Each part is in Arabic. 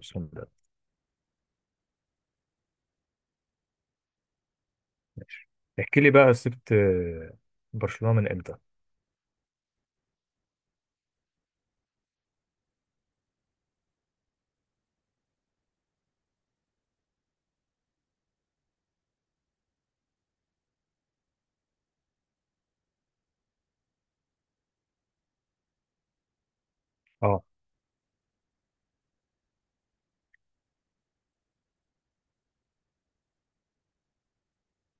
بسم الله. ماشي. احكي لي بقى، سبت برشلونة من امتى؟ اه،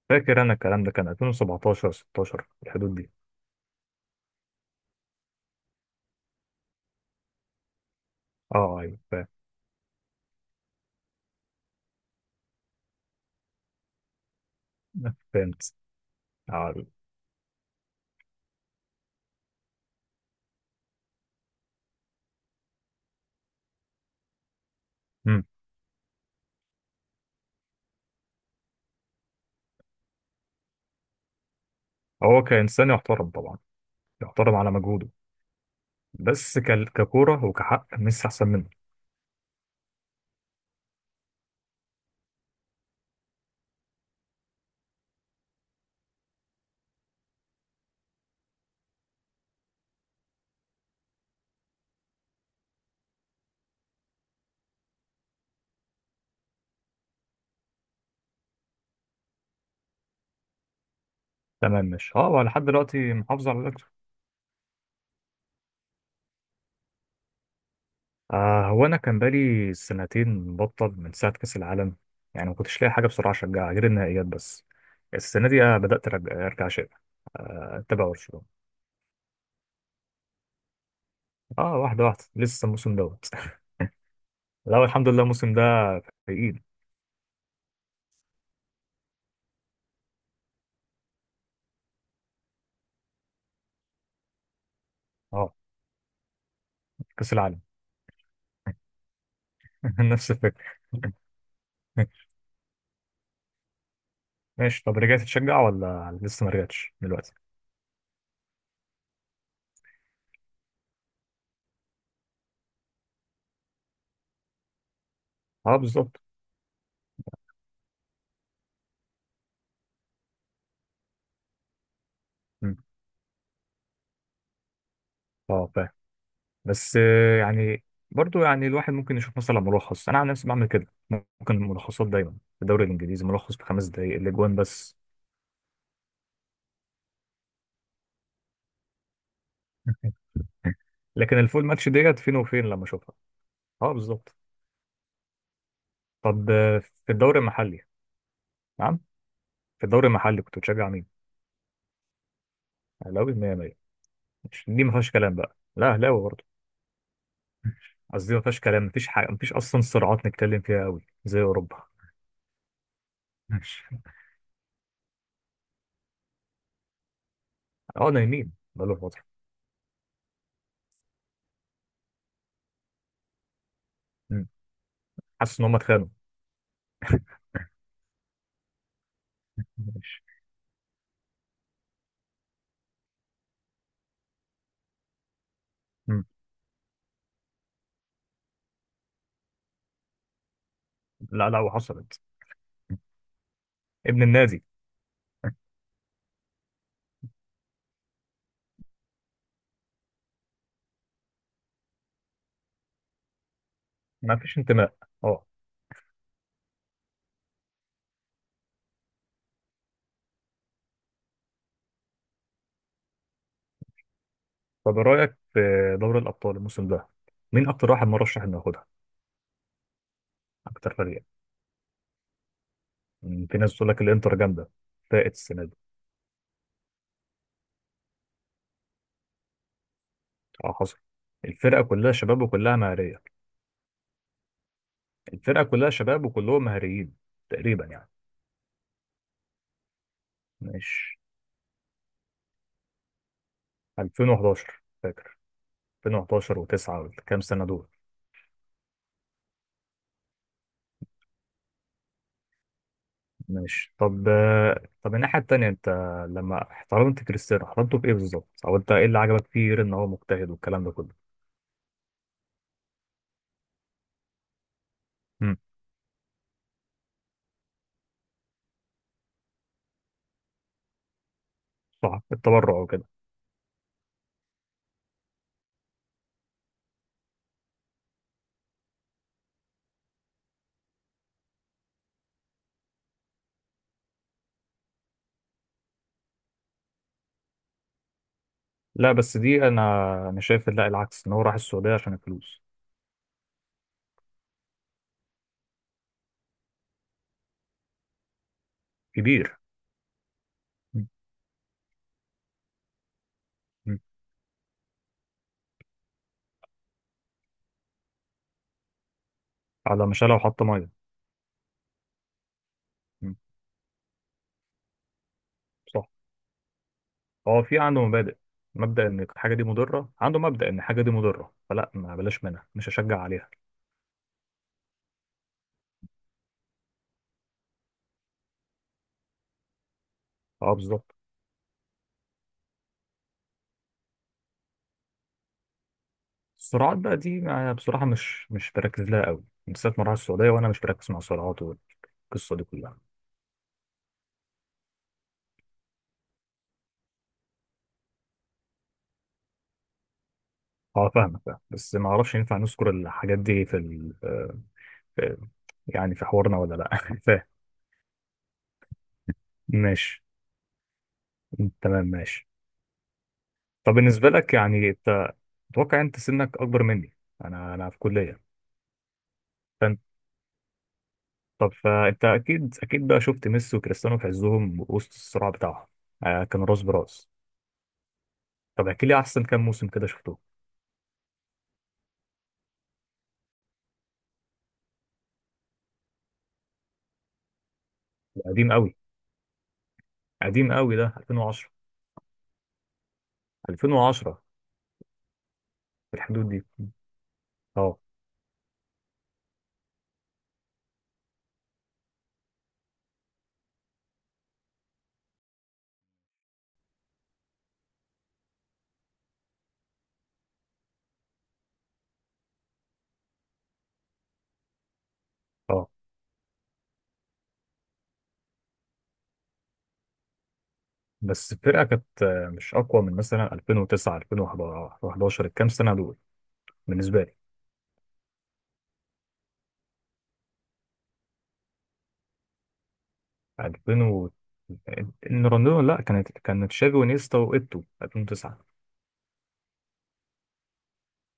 فاكر انا الكلام ده كان 2017 16 الحدود دي. اه، ايوه، فاهم. فهمت، آه. مم. هو كإنسان يحترم طبعا، يحترم على مجهوده. بس ككورة وكحق، ميسي احسن منه. تمام، ماشي. اه، هو لحد دلوقتي محافظ على الاكتر. هو انا كان بقالي سنتين مبطل من ساعة كأس العالم، يعني ما كنتش لاقي حاجة بسرعة اشجعها غير النهائيات بس. السنة دي بدأت أرجع شيء، أتابع برشلونة. اه، واحدة واحدة، لسه الموسم دوت. لا، الحمد لله، الموسم ده تقيل. اه، كأس العالم. نفس الفكرة. ماشي، طب رجعت تشجع ولا لسه ما رجعتش دلوقتي؟ اه، بالظبط. مم. اه، فاهم. بس يعني، برضو يعني الواحد ممكن يشوف مثلا ملخص. انا عن نفسي بعمل كده، ممكن ملخصات دايما في الدوري الانجليزي ملخص ب5 دقايق الاجوان بس. لكن الفول ماتش ديت فين وفين لما اشوفها. اه، بالظبط. طب، في الدوري المحلي. نعم. في الدوري المحلي كنت بتشجع مين؟ اهلاوي 100. مش دي ما فيهاش كلام بقى، لا اهلاوي برضه. قصدي ما فيهاش كلام، مفيش حاجه، مفيش اصلا صراعات نتكلم فيها قوي زي اوروبا. ماشي. اه، نايمين بقاله فتره. مم. حاسس ان هم اتخانقوا. ماشي. مم. لا، لا، وحصلت. ابن النادي. ما فيش انتماء. اه. طب إيه رايك في دوري الابطال الموسم ده؟ مين اكتر واحد مرشح انه ياخدها؟ اكتر فريق. مم. في ناس تقول لك الانتر جامده، فاقت السنه دي. اه، حصل. الفرقه كلها شباب وكلها مهاريه. الفرقه كلها شباب وكلهم مهاريين تقريبا يعني. مش 2011؟ فاكر 2011 و9 والكام سنة دول. ماشي، طب. طب الناحية التانية، انت لما احترمت كريستيانو احترمته في ايه بالظبط؟ او انت ايه اللي عجبك فيه غير ان هو مجتهد والكلام ده كله؟ امم صح، التبرع وكده. لا، بس دي انا شايف لا، العكس، ان هو راح السعودية عشان الفلوس. كبير. مم. مم. على ما شالها وحط مية. مم. صح. هو في عنده مبادئ، مبدأ ان الحاجة دي مضرة، عنده مبدأ ان الحاجة دي مضرة، فلا، ما بلاش منها، مش هشجع عليها. اه، بالظبط. السرعات بقى دي بصراحة مش بركز لها قوي، بالذات مرة على السعودية، وأنا مش بركز مع السرعات والقصة دي كلها. أه، فاهمك، فاهم. بس ما أعرفش ينفع نذكر الحاجات دي في, ال... آه، في، يعني، في حوارنا ولا لأ، فاهم؟ ماشي. تمام، ماشي. طب بالنسبة لك، يعني أنت، أتوقع أنت سنك أكبر مني، أنا في كلية، فأنت. طب فأنت أكيد، أكيد بقى شفت ميسي وكريستيانو في عزهم وسط الصراع بتاعهم. كانوا راس براس. طب، احكي لي أحسن كام موسم كده شفتوه. قديم قوي. قديم قوي، ده 2010. 2010 في الحدود دي. اه. اه. بس الفرقه كانت مش اقوى من مثلا 2009 2011 الكام سنه دول، بالنسبه لي. 2000 إن رونالدينو، لا، كان تشافي ونيستا وايتو 2009.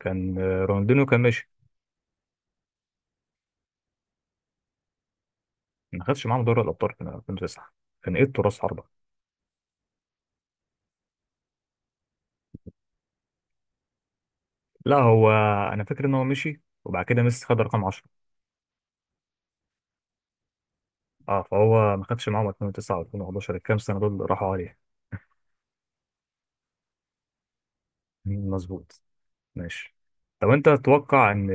كان رونالدينو كان ماشي. ما خدش معاهم دوري الابطال في 2009، كان ايتو راس حربه. لا هو، انا فاكر ان هو مشي وبعد كده ميسي خد رقم 10. اه، فهو ما خدش معاهم 2009 و2011، الكام سنه دول اللي راحوا عليه. مظبوط. ماشي. طب انت تتوقع ان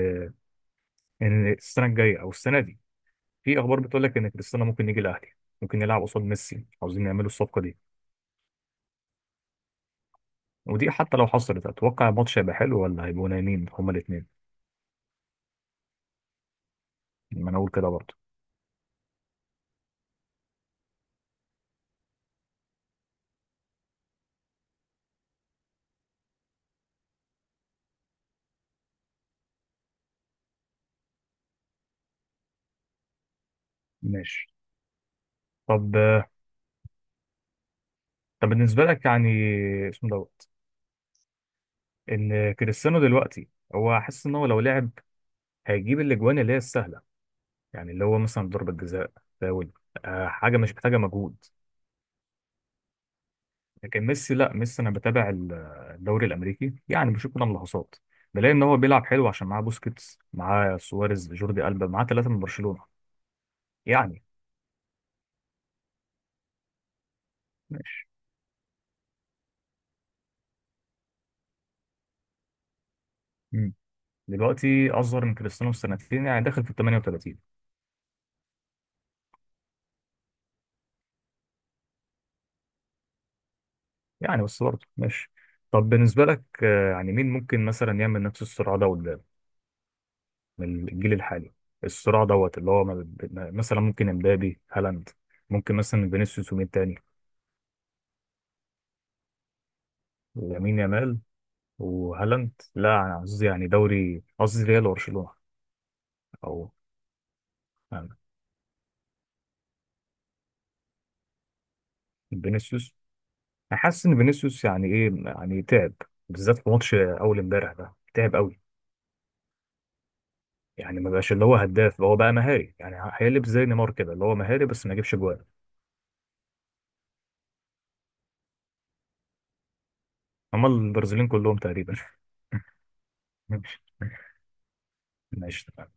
ان السنه الجايه او السنه دي، في اخبار بتقول لك ان كريستيانو ممكن يجي الاهلي، ممكن يلعب قصاد ميسي، عاوزين يعملوا الصفقه دي، ودي حتى لو حصلت اتوقع الماتش هيبقى حلو ولا هيبقوا نايمين هما الاثنين؟ ما انا اقول كده برضه. ماشي. طب طب بالنسبه لك يعني، اسمه دوت، ان كريستيانو دلوقتي هو حاسس ان هو لو لعب هيجيب الاجوان اللي هي السهله، يعني اللي هو مثلا ضربه جزاء، فاول، حاجه مش محتاجه مجهود. لكن ميسي، لا ميسي، انا بتابع الدوري الامريكي، يعني بشوف كده ملاحظات، بلاقي ان هو بيلعب حلو عشان معاه بوسكيتس، معاه سواريز، جوردي ألبا، معاه ثلاثه من برشلونه. يعني. ماشي. مم. دلوقتي اصغر من كريستيانو بسنتين، يعني داخل في ال 38. يعني، بس برضه ماشي. طب، بالنسبه لك يعني، مين ممكن مثلا يعمل نفس الصراع ده قدام، من الجيل الحالي، الصراع دوت اللي هو مثلا ممكن امبابي، هالاند، ممكن مثلا فينيسيوس، ومين تاني؟ لامين يامال وهالاند، لا انا قصدي يعني دوري، قصدي ريال وبرشلونه، او يعني فينيسيوس. انا حاسس ان فينيسيوس يعني، ايه، يعني تعب، بالذات في ماتش اول امبارح ده تعب قوي. يعني ما بقاش اللي هو هداف، هو بقى مهاري، يعني هيقلب زي نيمار كده، اللي هو مهاري بس ما يجيبش جوان. اما البرازيليين كلهم تقريبا. ماشي.